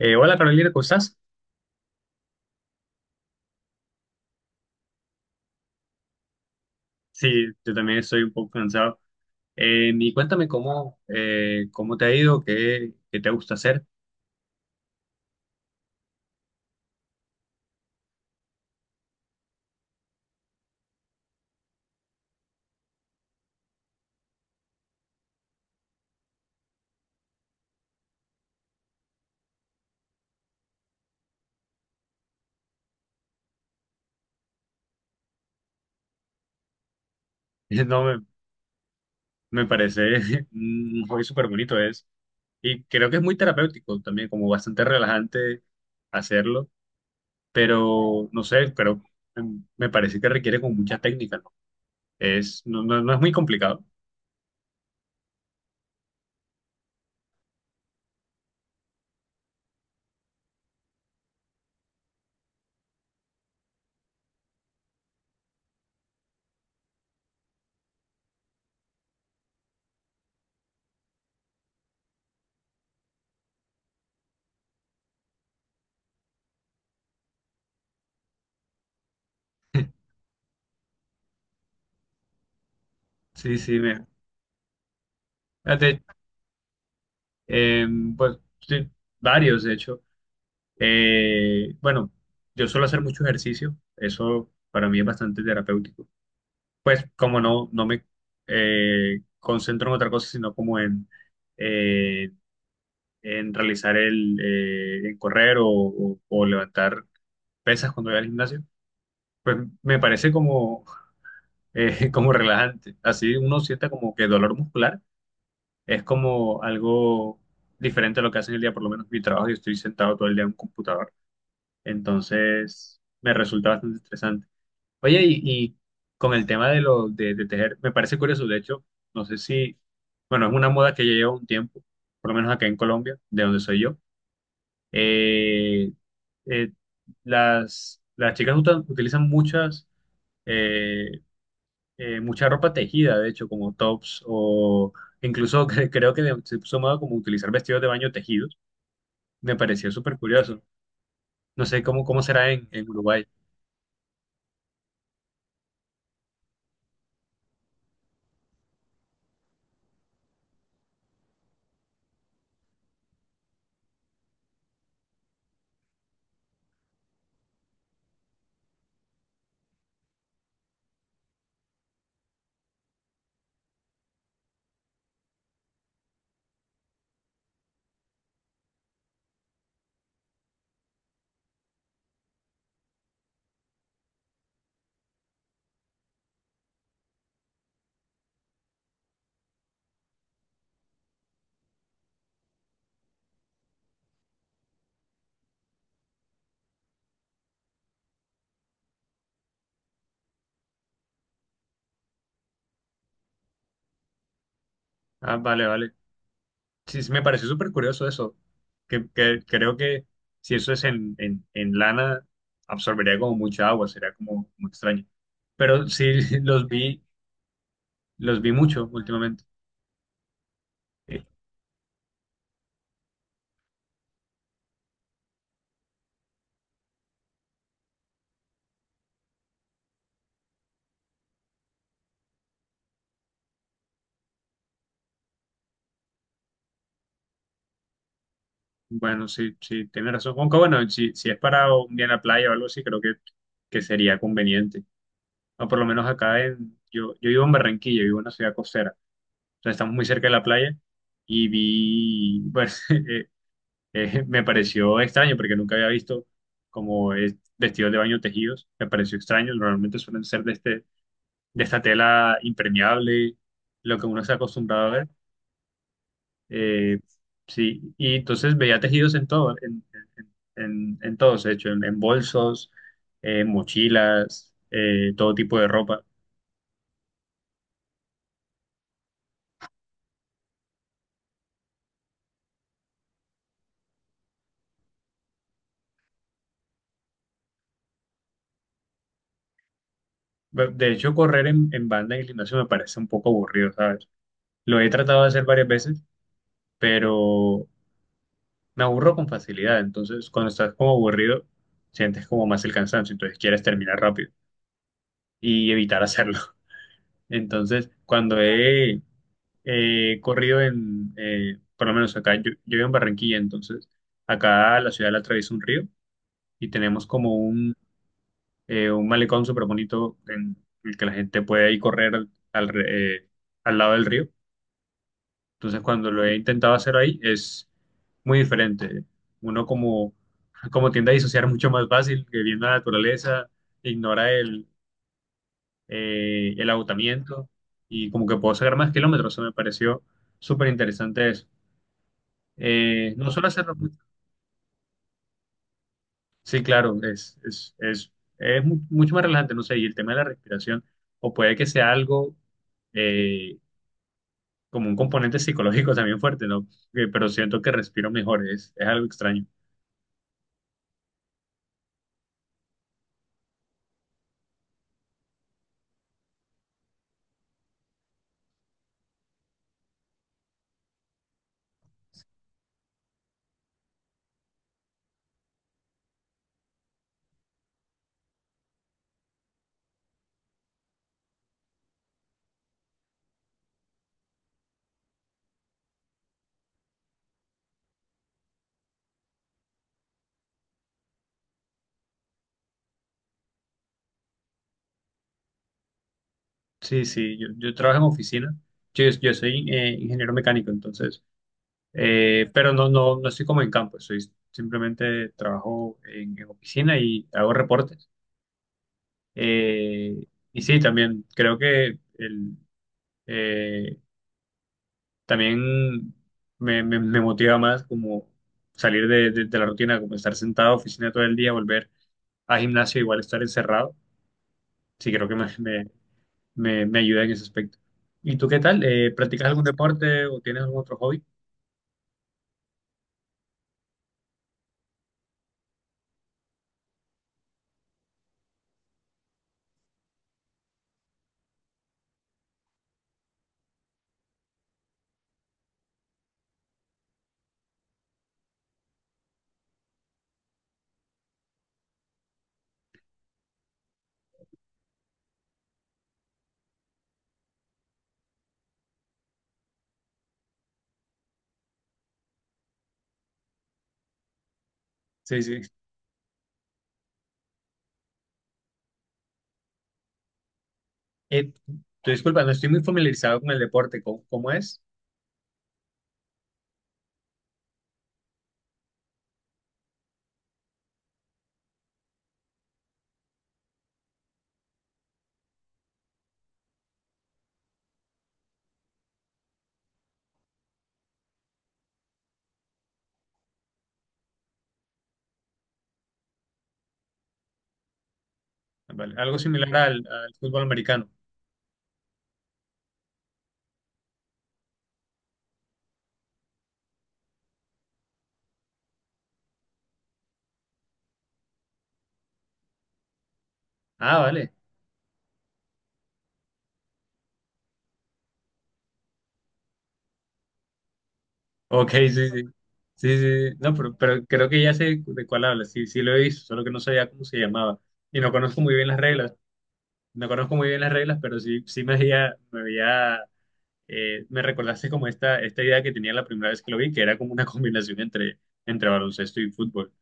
Hola Carolina, ¿cómo estás? Sí, yo también estoy un poco cansado. Y cuéntame cómo, cómo te ha ido, qué te gusta hacer. No, Me parece un hobby súper bonito es. Y creo que es muy terapéutico también, como bastante relajante hacerlo. Pero no sé, pero me parece que requiere como mucha técnica, ¿no? No es muy complicado. Sí, sí, me, fíjate, pues sí, varios, de hecho. Bueno, yo suelo hacer mucho ejercicio, eso para mí es bastante terapéutico. Pues como no me concentro en otra cosa, sino como eh, en realizar el, en correr o, o levantar pesas cuando voy al gimnasio, pues me parece como, como relajante. Así uno sienta como que dolor muscular es como algo diferente a lo que hace en el día, por lo menos mi trabajo, yo estoy sentado todo el día en un computador. Entonces, me resulta bastante interesante. Oye, y con el tema de lo de tejer, me parece curioso, de hecho, no sé si, bueno, es una moda que ya lleva un tiempo, por lo menos acá en Colombia, de donde soy yo. Eh, eh, las chicas utilizan muchas, eh, mucha ropa tejida, de hecho, como tops o incluso creo que se puso moda como utilizar vestidos de baño tejidos. Me pareció súper curioso. No sé cómo, cómo será en Uruguay. Ah, vale, vale. Sí, sí, me pareció súper curioso eso, que creo que si eso es en lana, absorbería como mucha agua, sería como muy extraño. Pero sí, los vi mucho últimamente. Eh, Bueno, sí, sí, tiene razón. Aunque bueno, si, si es para un día en la playa o algo así, creo que sería conveniente. O por lo menos acá en, yo vivo en Barranquilla, vivo en una ciudad costera, o sea, estamos muy cerca de la playa y vi, bueno, me pareció extraño porque nunca había visto como vestidos de baño tejidos. Me pareció extraño. Normalmente suelen ser de, este, de esta tela impermeable, lo que uno está acostumbrado a ver. Eh, sí, y entonces veía tejidos en todo, en todos, de hecho, en bolsos, en mochilas, todo tipo de ropa. De hecho, correr en banda en el gimnasio me parece un poco aburrido, ¿sabes? Lo he tratado de hacer varias veces, pero me aburro con facilidad, entonces cuando estás como aburrido, sientes como más el cansancio, entonces quieres terminar rápido y evitar hacerlo. Entonces, cuando he corrido en, por lo menos acá, yo vivo en Barranquilla, entonces acá la ciudad la atraviesa un río y tenemos como un malecón súper bonito en el que la gente puede ir correr al, al lado del río. Entonces, cuando lo he intentado hacer ahí, es muy diferente. Uno como, como tiende a disociar mucho más fácil, que viendo la naturaleza, ignora el agotamiento y como que puedo sacar más kilómetros. Eso me pareció súper interesante eso. No solo hacerlo mucho. Sí, claro, es mucho más relajante, no sé, y el tema de la respiración, o puede que sea algo eh, como un componente psicológico también fuerte, ¿no? Que- pero siento que respiro mejor, es algo extraño. Sí, sí, yo trabajo en oficina. Yo soy ingeniero mecánico, entonces, pero no, no, no estoy como en campo, soy simplemente trabajo en oficina y hago reportes. Eh, y sí, también creo que el, eh, también me, me motiva más como salir de, de la rutina, como estar sentado en oficina todo el día, volver a gimnasio, igual estar encerrado. Sí, creo que me ayuda en ese aspecto. ¿Y tú qué tal? ¿Practicas algún deporte o tienes algún otro hobby? Sí, sí. Eh, Te disculpa, no estoy muy familiarizado con el deporte. ¿Cómo, cómo es? Ah, vale, algo similar al, al fútbol americano. Ah, vale. Ok, sí, sí. Sí, sí, sí. No, pero creo que ya sé de cuál hablas. Sí, sí lo he visto, solo que no sabía cómo se llamaba. Y no conozco muy bien las reglas. No conozco muy bien las reglas, pero sí, sí me veía, me veía me recordaste como esta idea que tenía la primera vez que lo vi, que era como una combinación entre, entre baloncesto y fútbol.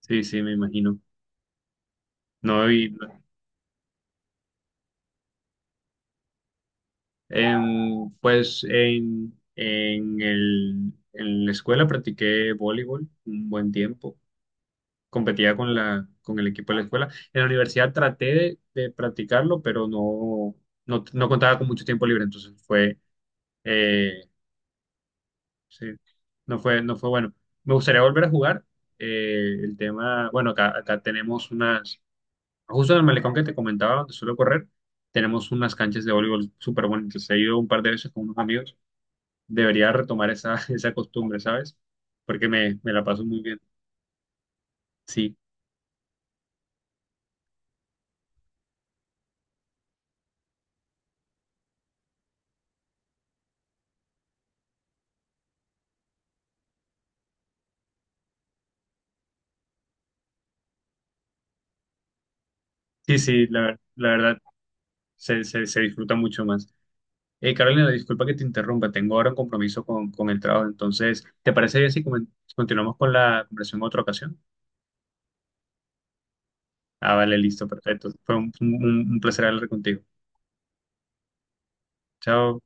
Sí, sí, me imagino. No, y pues en el, en la escuela practiqué voleibol un buen tiempo. Competía con la, con el equipo de la escuela. En la universidad traté de practicarlo, pero no, no, no contaba con mucho tiempo libre, entonces fue, eh, sí, no fue, no fue bueno. Me gustaría volver a jugar. El tema, bueno, acá, acá tenemos unas, justo en el malecón que te comentaba, donde suelo correr, tenemos unas canchas de voleibol súper bonitas. He ido un par de veces con unos amigos. Debería retomar esa, esa costumbre, ¿sabes? Porque me la paso muy bien. Sí, sí, sí, la, la verdad, se disfruta mucho más. Carolina, disculpa que te interrumpa, tengo ahora un compromiso con el trabajo, entonces, ¿te parece bien si si continuamos con la conversación en otra ocasión? Ah, vale, listo, perfecto. Fue un, un placer hablar contigo. Chao.